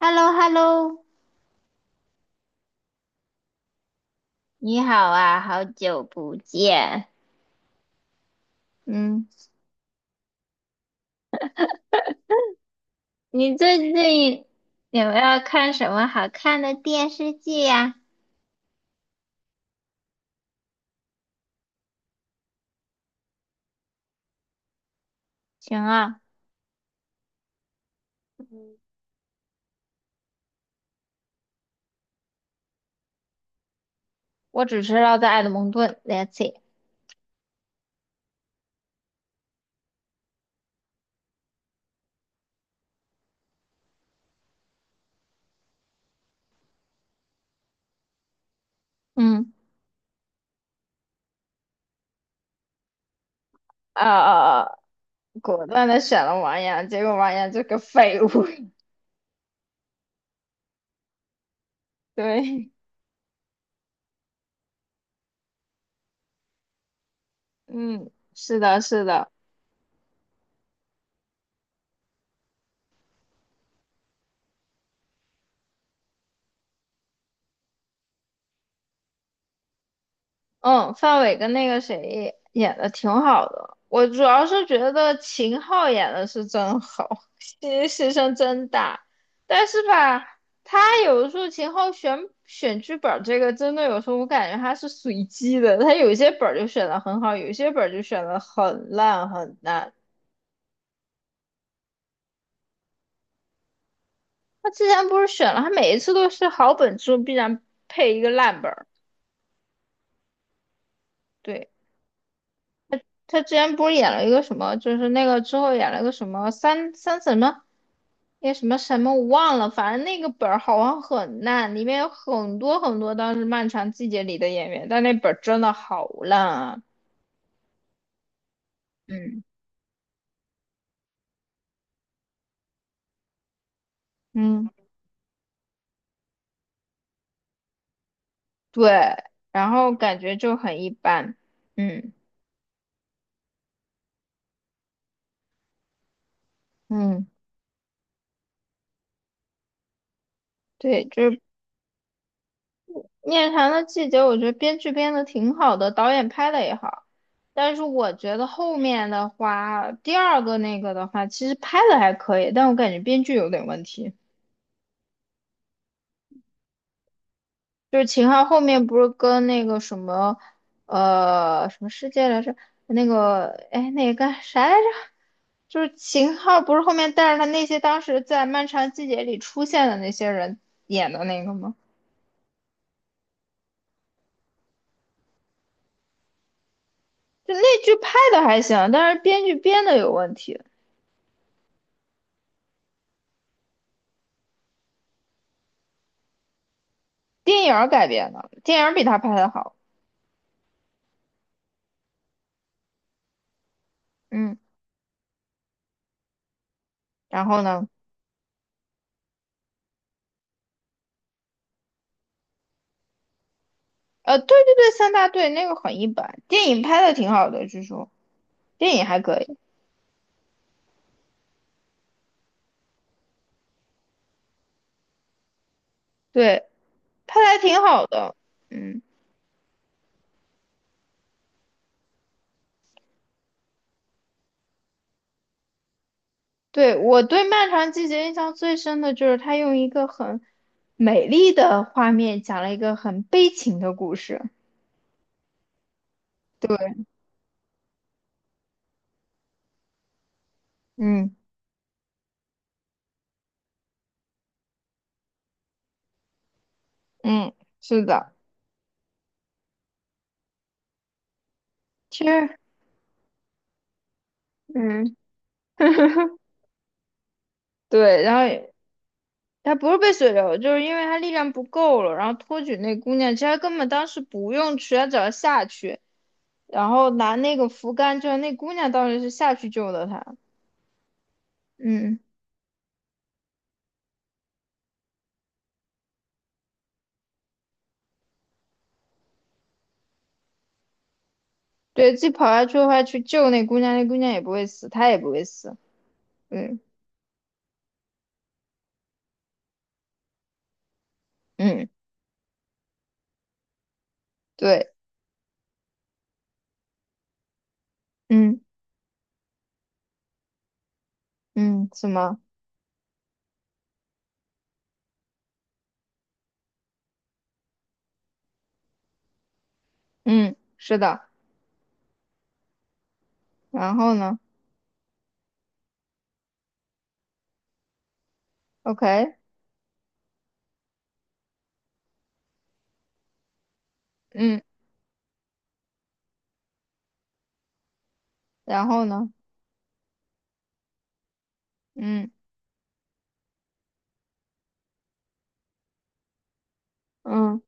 h e l l o h e l l o 你好啊，好久不见。嗯，你最近有没有看什么好看的电视剧呀、行啊，嗯我只知道在爱德蒙顿 l e t s see。嗯，啊啊啊！果断的选了王阳，结果王阳这个废物。对，嗯，是的，是的。嗯，范伟跟那个谁演的挺好的，我主要是觉得秦昊演的是真好，牺牲真大。但是吧，他有的时候秦昊选剧本儿这个，真的有时候我感觉他是随机的，他有些本儿就选的很好，有些本儿就选的很烂很烂。他之前不是选了，他每一次都是好本之后必然配一个烂本儿，对。他之前不是演了一个什么，就是那个之后演了个什么三三什么，那什么什么我忘了，反正那个本儿好像很烂，里面有很多很多当时《漫长季节》里的演员，但那本儿真的好烂啊。嗯，嗯，对，然后感觉就很一般。嗯嗯，对，就是面谈的季节》，我觉得编剧编的挺好的，导演拍的也好，但是我觉得后面的话，第二个那个的话，其实拍的还可以，但我感觉编剧有点问题。就是秦昊后面不是跟那个什么，什么世界来着？那个，哎，那个啥来着？就是秦昊不是后面带着他那些当时在《漫长季节》里出现的那些人演的那个吗？就那剧拍的还行，但是编剧编的有问题。电影儿改编的，电影儿比他拍的好。嗯，然后呢，对对对，三大队那个很一般，电影拍的挺好的，据说电影还可以，对，拍的还挺好的。嗯，对，我对《漫长季节》印象最深的就是他用一个很美丽的画面讲了一个很悲情的故事。对，嗯嗯，是的，其实，嗯，对，然后他不是被水流，就是因为他力量不够了，然后托举那姑娘。其实他根本当时不用去，他只要下去，然后拿那个扶杆，就是那姑娘当时是下去救的他。嗯，对，自己跑下去的话去救那姑娘，那姑娘也不会死，他也不会死。嗯嗯，对，嗯嗯，什么？嗯，是的。然后呢？OK，嗯，然后呢？嗯嗯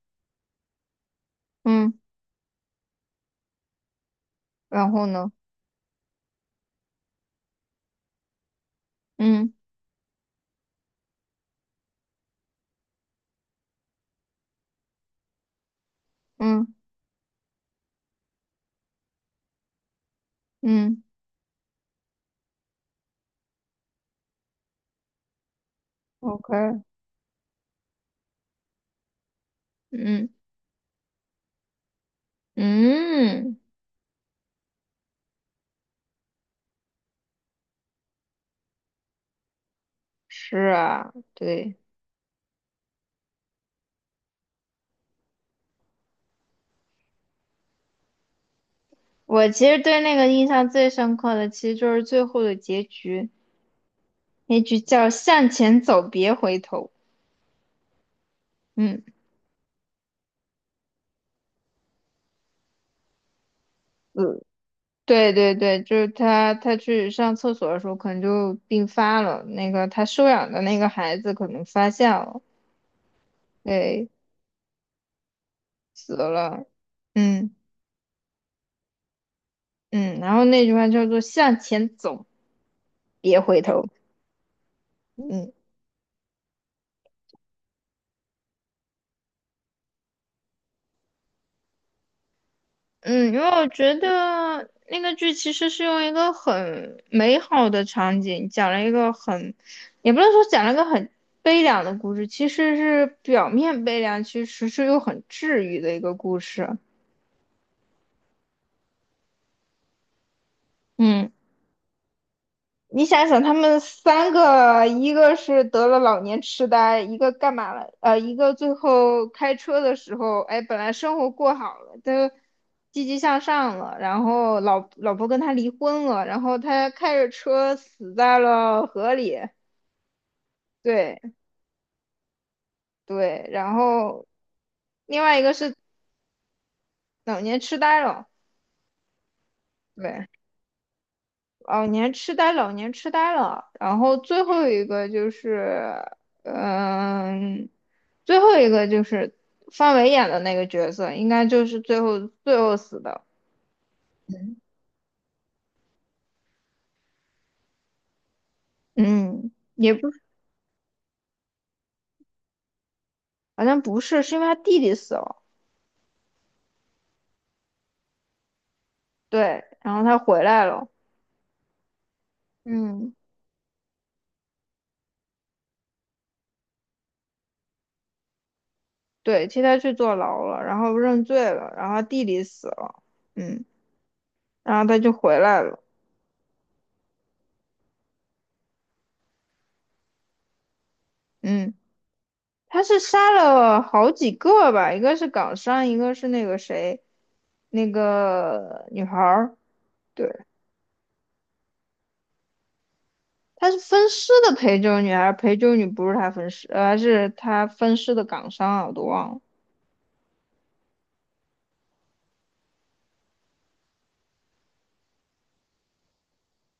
嗯，然后呢？嗯嗯嗯，OK，嗯嗯。是啊，对，我其实对那个印象最深刻的，其实就是最后的结局，那句叫“向前走，别回头”。嗯，嗯，对对对，就是他，他去上厕所的时候，可能就病发了。那个他收养的那个孩子可能发现了，对，死了。嗯嗯，然后那句话叫做“向前走，别回头”。嗯。嗯，因为我觉得那个剧其实是用一个很美好的场景，讲了一个很，也不能说讲了一个很悲凉的故事，其实是表面悲凉，其实是又很治愈的一个故事。嗯。你想想，他们三个，一个是得了老年痴呆，一个干嘛了？一个最后开车的时候，哎，本来生活过好了，都积极向上了，然后老婆跟他离婚了，然后他开着车死在了河里。对对，然后另外一个是老年痴呆了。对。老年痴呆，老年痴呆了。然后最后一个就是，嗯，最后一个就是范伟演的那个角色，应该就是最后最后死的。嗯，也不，好像不是，是因为他弟弟死了。对，然后他回来了。嗯，对，替他去坐牢了，然后认罪了，然后他弟弟死了。嗯，然后他就回来了。嗯。他是杀了好几个吧，一个是港商，一个是那个谁，那个女孩儿，对，他是分尸的陪酒女，还是陪酒女不是他分尸，还是他分尸的港商啊，我都忘了。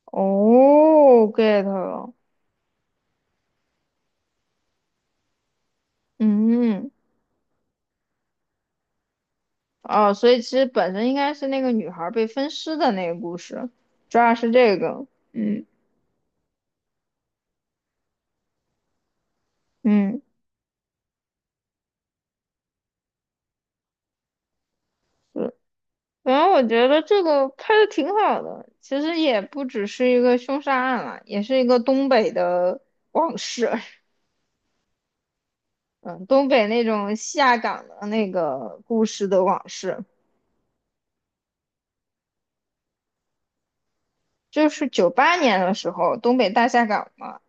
哦，get 了，嗯，哦，所以其实本身应该是那个女孩儿被分尸的那个故事，主要是这个，嗯嗯，对，然后我觉得这个拍的挺好的，其实也不只是一个凶杀案了，也是一个东北的往事，嗯，东北那种下岗的那个故事的往事，就是98年的时候东北大下岗嘛，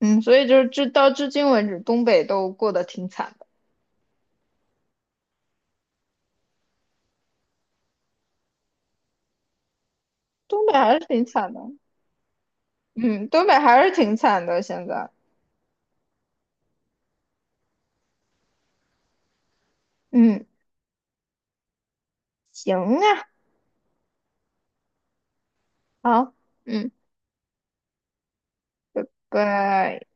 嗯，所以就是至到至今为止，东北都过得挺惨的，东北还是挺惨的，嗯，东北还是挺惨的，现在，嗯，行啊，好，嗯，拜。